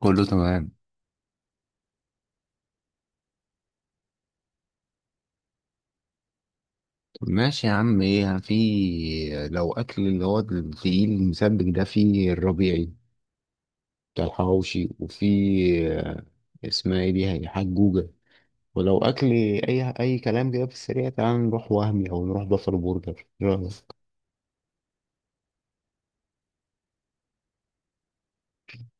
كله تمام. طب ماشي يا عم، ايه في؟ لو اكل اللي هو التقيل المسبك ده في الربيعي بتاع الحواوشي، وفي آه، اسمها ايه دي؟ هي حجوجة. ولو اكل اي كلام كده في السريع، تعال نروح وهمي او نروح بافلو برجر، إيه رأيك؟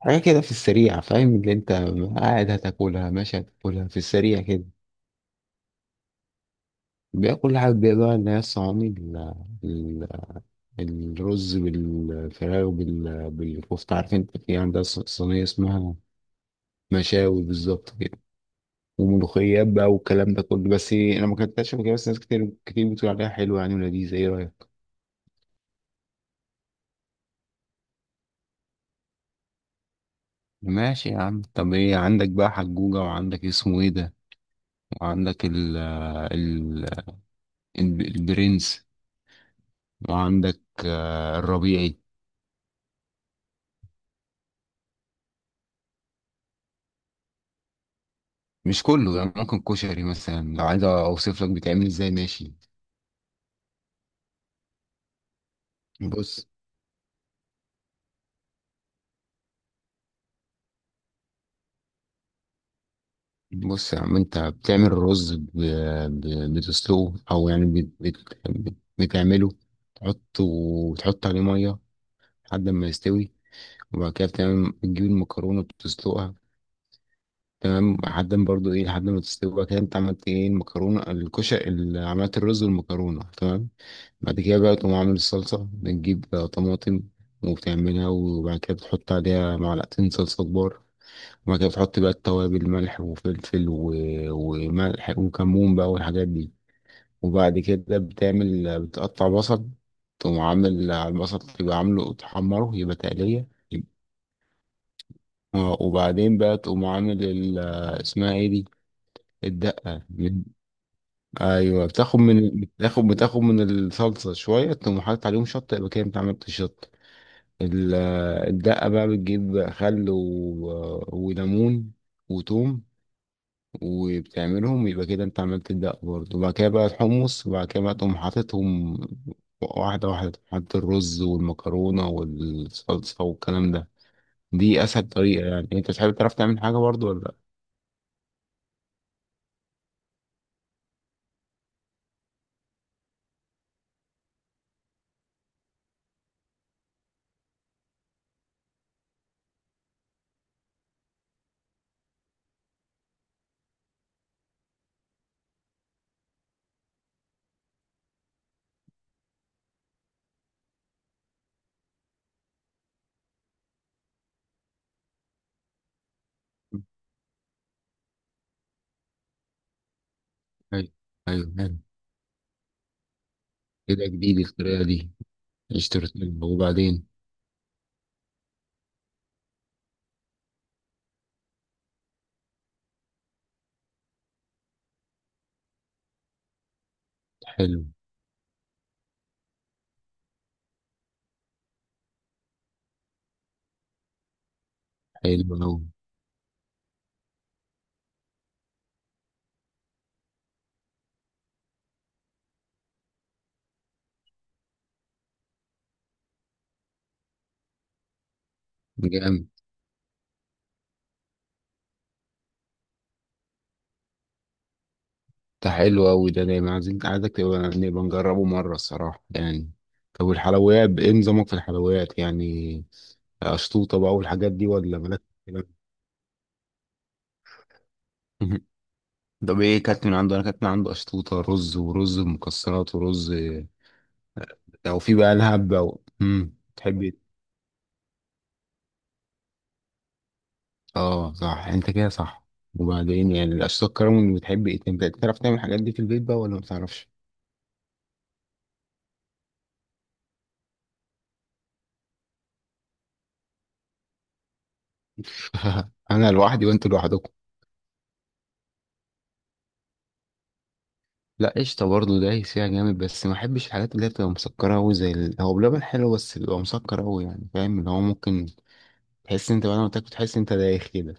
حاجه كده في السريع، فاهم اللي انت قاعد هتاكلها؟ ماشي، هتاكلها في السريع كده. بقى كل حاجه بقى، اللي هي الصواني ال- الرز بالفراخ بالكفته، عارف انت؟ في عندها صينيه اسمها مشاوي بالظبط كده، وملوخيات بقى والكلام ده كله، بس انا ما كنتش فاكر. بس ناس كتير بتقول عليها حلوه يعني ولذيذه، ايه رايك؟ ماشي يا عم. طب ايه عندك بقى؟ حجوجة، وعندك اسمه ايه ده، وعندك البرنس، وعندك الربيعي. مش كله يعني، ممكن كشري مثلا، لو عايز اوصف لك بيتعمل ازاي، ماشي. بص، بص يا عم، انت بتعمل الرز بتسلقه، او يعني بتعمله، تحطه وتحط عليه ميه لحد ما يستوي. وبعد كده بتعمل، بتجيب المكرونة، بتسلقها تمام لحد ما برضو ايه، لحد ما تستوي. وبعد كده انت عملت ايه؟ المكرونة، الكشري، عملت الرز والمكرونة تمام. بعد كده بقى تقوم عامل الصلصة، بتجيب طماطم وبتعملها. وبعد كده بتحط عليها معلقتين صلصة كبار، وبعد كده بتحط بقى التوابل، ملح وفلفل وملح وكمون بقى والحاجات دي. وبعد كده بتعمل، بتقطع بصل، تقوم عامل على البصل، تبقى عامله تحمره، يبقى تقلية. اه، وبعدين بقى تقوم عامل اسمها ايه دي، الدقة. ايوه، بتاخد من الصلصة شوية، تقوم حاطط عليهم شطة، يبقى كده انت عملت شطة. ال- الدقة بقى، بتجيب خل وليمون وتوم، وبتعملهم، يبقى كده انت عملت الدقة برضه. وبعد كده بقى الحمص، وبعد كده بقى تقوم حاططهم واحدة واحدة، تقوم حاطط الرز والمكرونة والصلصة والكلام ده. دي أسهل طريقة يعني. أنت تحب تعرف تعمل حاجة برضه ولا لأ؟ ايوه، ايوه. حلو، كده جديد الطريقة دي. اشتريتها وبعدين. حلو، حلو أوي. جامد. ده حلو أوي ده، دايما عايزين، عايزك تبقى، نبقى نجربه مرة، الصراحة يعني. طب والحلويات، ايه نظامك في الحلويات يعني؟ أشطوطة بقى والحاجات دي، ولا مالك في الكلام؟ طب ايه كانت من عنده؟ انا كانت من عنده أشطوطة رز، ورز مكسرات، ورز لو في بقى لهب، أو تحب. اه صح، انت كده صح. وبعدين يعني الاشخاص كرم، بتحب ايه؟ انت بتعرف تعمل الحاجات دي في البيت بقى ولا ما بتعرفش؟ انا لوحدي وانت لوحدكم. لا، قشطه برضه دايس فيها جامد، بس ما احبش الحاجات اللي هي بتبقى مسكره قوي، زي هو بلبن حلو بس بيبقى مسكر قوي يعني، فاهم؟ اللي هو ممكن تحس انت بعد ما تاكل، تحس انت دايخ كده.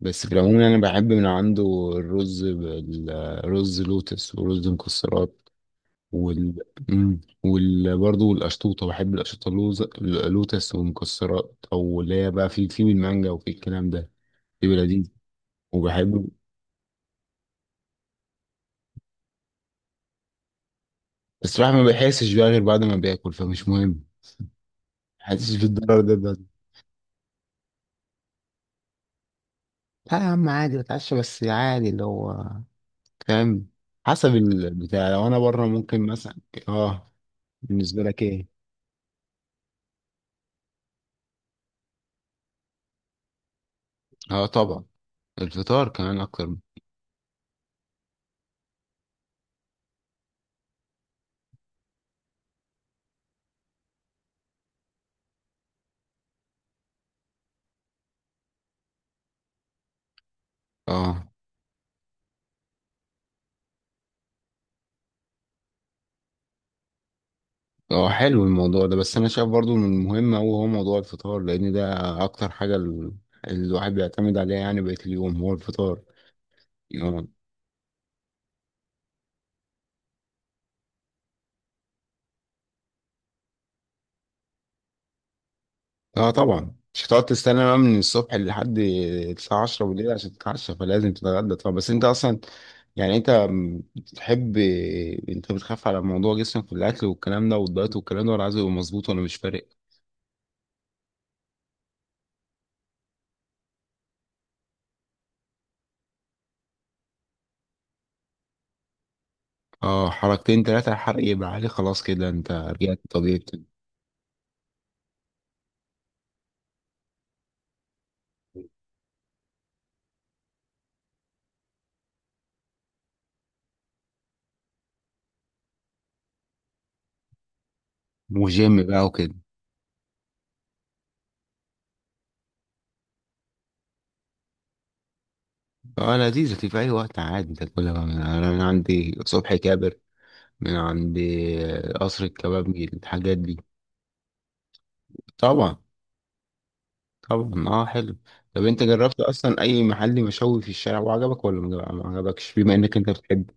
بس في العموم يعني، انا بحب من عنده الرز، بالرز لوتس ورز مكسرات. وال وال برضه القشطوطة، بحب القشطوطة لوز، لوتس ومكسرات، أو اللي هي بقى في بالمانجا وفي الكلام ده، بيبقى لذيذ وبحبه. بس الواحد ما بيحسش بقى غير بعد ما بياكل، فمش مهم. حاسس بالضرر ده. لا يا عم، عادي بتعشى، بس عادي اللي هو، فاهم، حسب البتاع. لو أنا بره ممكن مثلا. اه. بالنسبة لك ايه؟ اه طبعا، الفطار كمان أكتر. اه، اه حلو الموضوع ده. بس انا شايف برضو من المهم، هو موضوع الفطار، لان ده اكتر حاجه الواحد بيعتمد عليها يعني، بقيه اليوم هو الفطار. اه. آه طبعا، مش هتقعد تستنى بقى من الصبح لحد الساعه 10 بالليل عشان تتعشى، فلازم تتغدى طبعا. بس انت اصلا يعني، انت بتحب، انت بتخاف على موضوع جسمك والاكل والكلام ده والدايت والكلام ده، ولا عايزه يبقى مظبوط، ولا مش فارق؟ اه، حركتين ثلاثه الحرق يبقى عالي، خلاص كده انت رجعت طبيعي. وجيم بقى وكده. اه لذيذة في أي وقت، عادي أنت تاكلها بقى. من أنا، من عندي صبحي كابر، من عندي قصر الكبابجي، الحاجات دي. طبعا، طبعا اه، حلو. طب أنت جربت أصلا أي محل مشوي في الشارع وعجبك ولا ما عجبكش، بما إنك أنت بتحب؟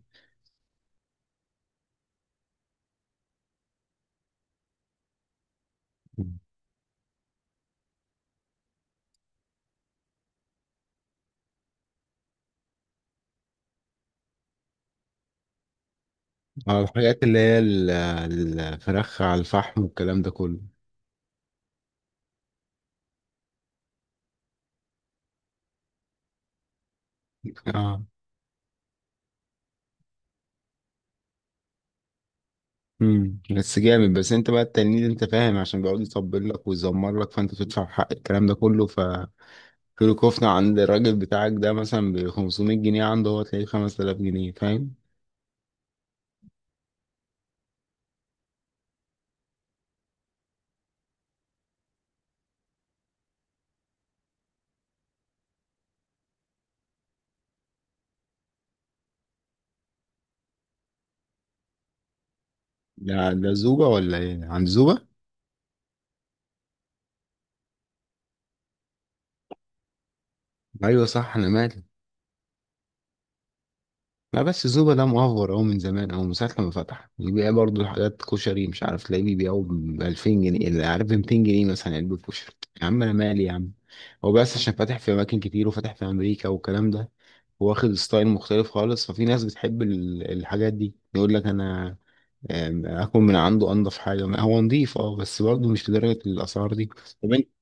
اه الحاجات اللي هي الفراخ على الفحم والكلام ده كله. اه، امم، بس جامد. بس انت بقى التلميذ انت، فاهم؟ عشان بيقعد يطبل لك ويزمر لك، فانت تدفع حق الكلام ده كله. كيلو كفتة عند الراجل بتاعك ده مثلا ب 500 جنيه، عنده هو تلاقيه 5000 جنيه، فاهم؟ ده ده زوبة ولا ايه؟ عند زوبة؟ ايوه صح، انا مالي. لا بس زوبا ده مأفور أهو من زمان، أهو من ساعة لما فتح بيبيع برضه حاجات كشري، مش عارف، تلاقيه بيبيعه ب 2000 جنيه، اللي عارف ب 200 جنيه مثلا علبة كشري. يا عم أنا مالي يا عم. هو بس عشان فاتح في أماكن كتير، وفاتح في أمريكا والكلام ده، واخد ستايل مختلف خالص. ففي ناس بتحب الحاجات دي، يقول لك أنا آكل من عنده أنضف حاجة، ما هو نضيف. أه بس برضه مش لدرجة الأسعار دي. طب أنت-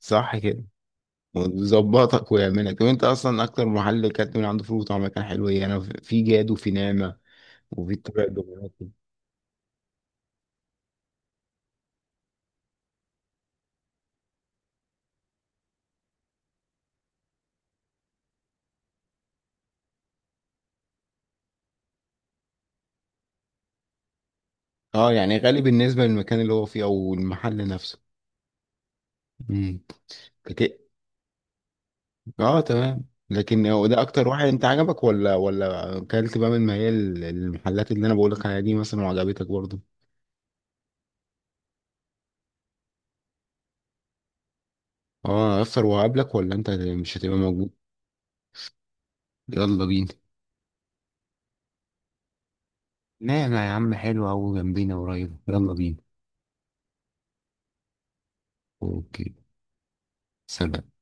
صح كده، ويظبطك ويعملك. وانت اصلا اكتر محل كانت من عنده فول وطعميه كان حلو ايه؟ انا في جاد، وفي نعمه، وفي الطبيعه الدمياطي. اه يعني غالي بالنسبه للمكان اللي هو فيه، او المحل نفسه. امم. كت-، اه تمام. لكن هو ده اكتر واحد انت عجبك، ولا ولا اكلت بقى من، ما هي المحلات اللي انا بقولك عليها دي مثلا، وعجبتك برضه؟ اه، افطر وأقابلك، ولا انت مش هتبقى موجود؟ يلا بينا. نعم يا عم، حلو أوي، جنبينا قريب، يلا بينا. اوكي، سلام.